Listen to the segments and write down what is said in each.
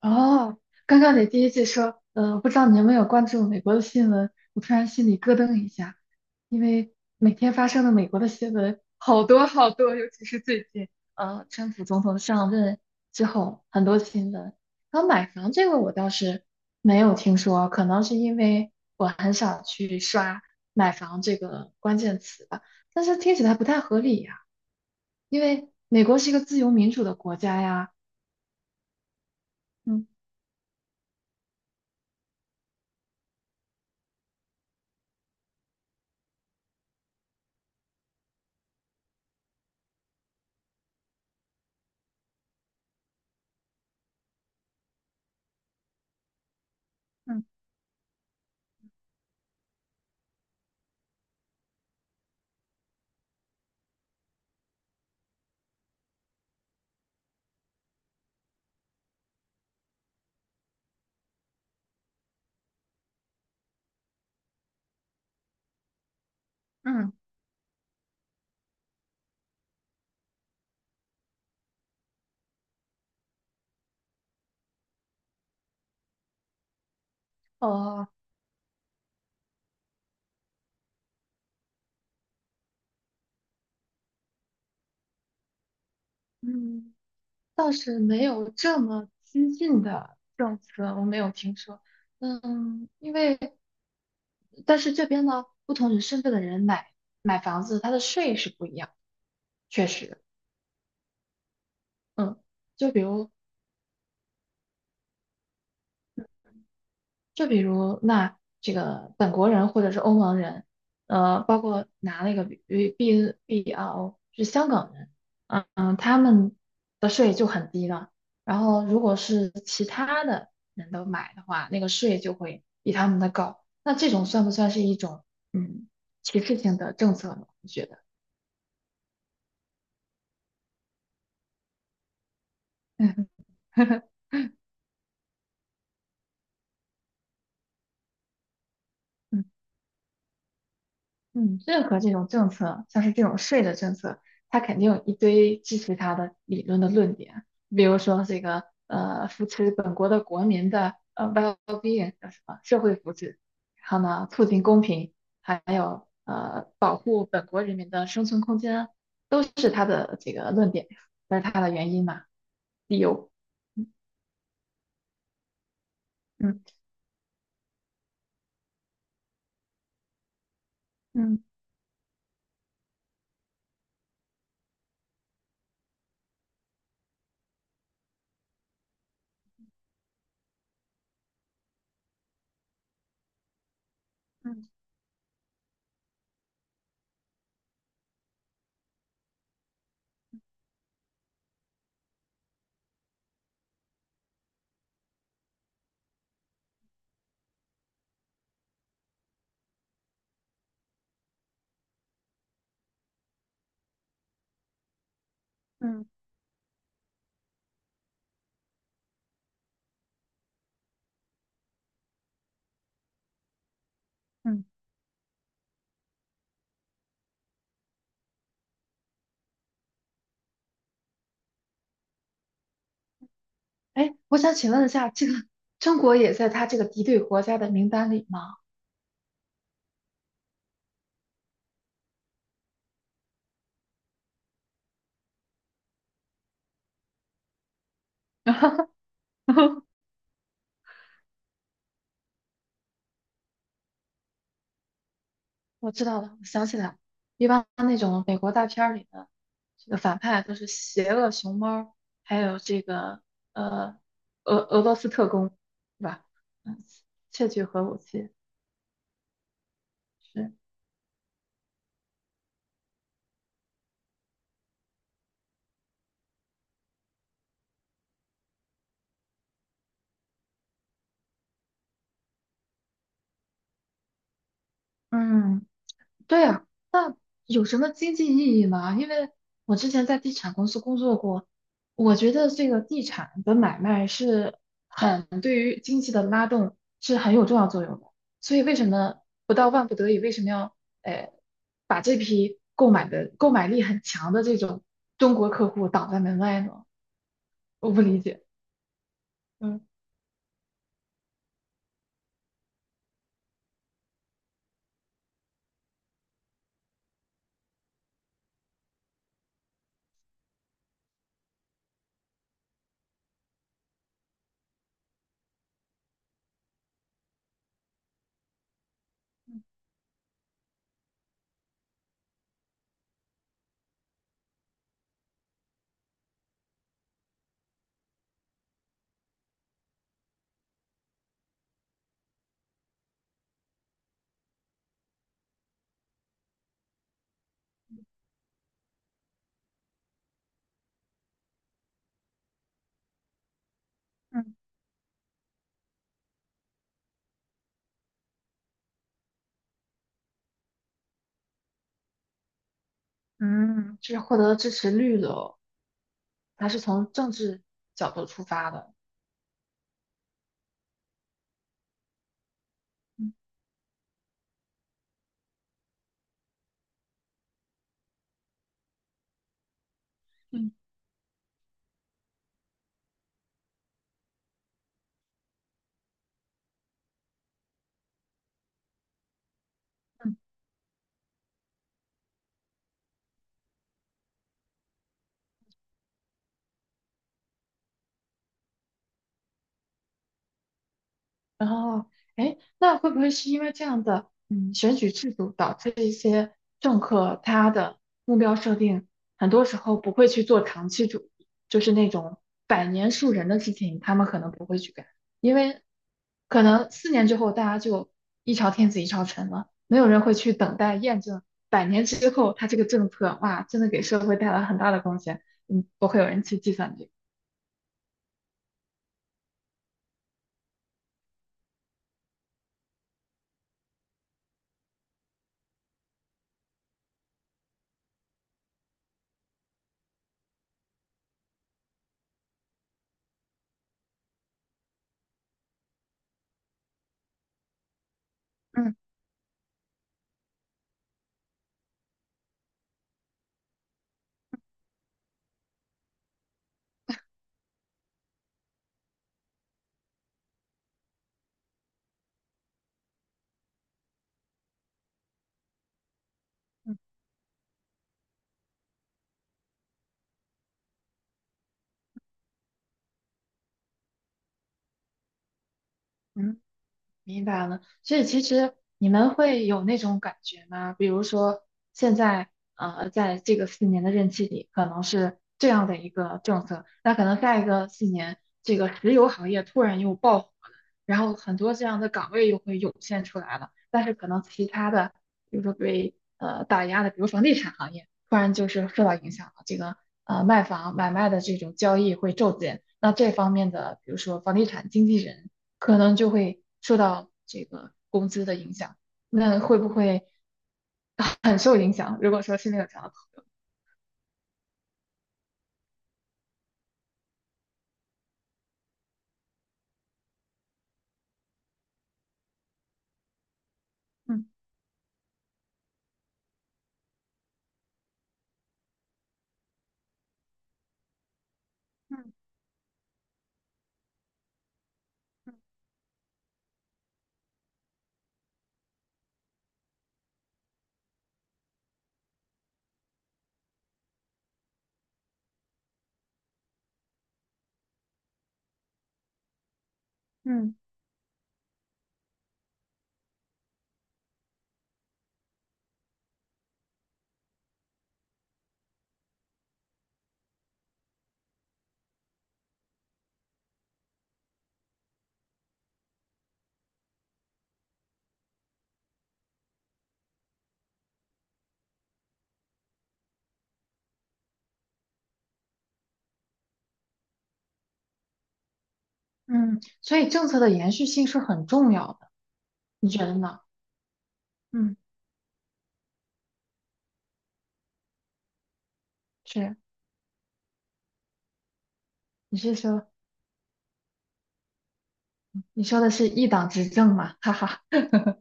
哦，刚刚你第一句说，不知道你有没有关注美国的新闻，我突然心里咯噔一下，因为每天发生的美国的新闻好多好多，尤其是最近，川普总统上任之后很多新闻。然后买房这个我倒是没有听说，可能是因为我很少去刷买房这个关键词吧，但是听起来不太合理呀，因为美国是一个自由民主的国家呀，嗯。嗯嗯，哦，嗯，倒是没有这么激进的政策，我没有听说。嗯，因为但是这边呢，不同人身份的人买房子，他的税是不一样，确实，嗯，就比如。就比如那这个本国人或者是欧盟人，包括拿那个 B B R O 是香港人，嗯嗯，他们的税就很低了。然后如果是其他的人都买的话，那个税就会比他们的高。那这种算不算是一种嗯歧视性的政策呢？你觉得？嗯嗯，任何这种政策，像是这种税的政策，它肯定有一堆支持它的理论的论点，比如说这个扶持本国的国民的well-being 叫什么社会福祉，然后呢促进公平，还有保护本国人民的生存空间，都是它的这个论点，这是它的原因嘛，理由。嗯嗯嗯嗯嗯，嗯。哎，我想请问一下，这个中国也在它这个敌对国家的名单里吗？我知道了，我想起来了，一般那种美国大片儿里的这个反派都是邪恶熊猫，还有这个呃俄罗斯特工，是吧？嗯，窃取核武器是，嗯。对啊，那有什么经济意义吗？因为我之前在地产公司工作过，我觉得这个地产的买卖是很对于经济的拉动是很有重要作用的。所以为什么不到万不得已，为什么要呃把这批购买的购买力很强的这种中国客户挡在门外呢？我不理解。嗯，嗯嗯就是获得支持率的哦，它是从政治角度出发的。嗯嗯嗯。然后，哎，那会不会是因为这样的，嗯，选举制度导致一些政客他的目标设定很多时候不会去做长期主义，就是那种百年树人的事情，他们可能不会去干，因为可能四年之后大家就一朝天子一朝臣了，没有人会去等待验证百年之后他这个政策，哇，真的给社会带来很大的贡献，嗯，不会有人去计算这个。嗯嗯嗯。明白了，所以其实你们会有那种感觉吗？比如说，现在在这个四年的任期里，可能是这样的一个政策，那可能下一个四年，这个石油行业突然又爆火了，然后很多这样的岗位又会涌现出来了，但是可能其他的，比如说被打压的，比如房地产行业，突然就是受到影响了，这个卖房买卖的这种交易会骤减，那这方面的，比如说房地产经纪人。可能就会受到这个工资的影响。那会不会很受影响？如果说是那个状况，嗯嗯嗯，所以政策的延续性是很重要的，你觉得呢？嗯，是，你是说你说的是一党执政嘛？哈哈，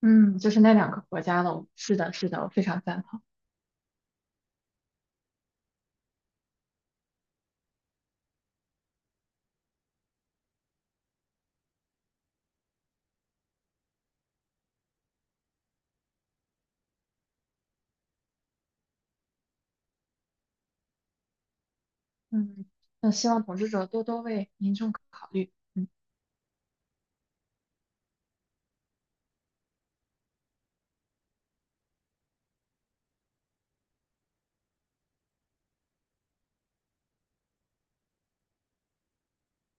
嗯，就是那两个国家的，是的，是的，我非常赞同。嗯，那希望统治者多多为民众考虑。嗯。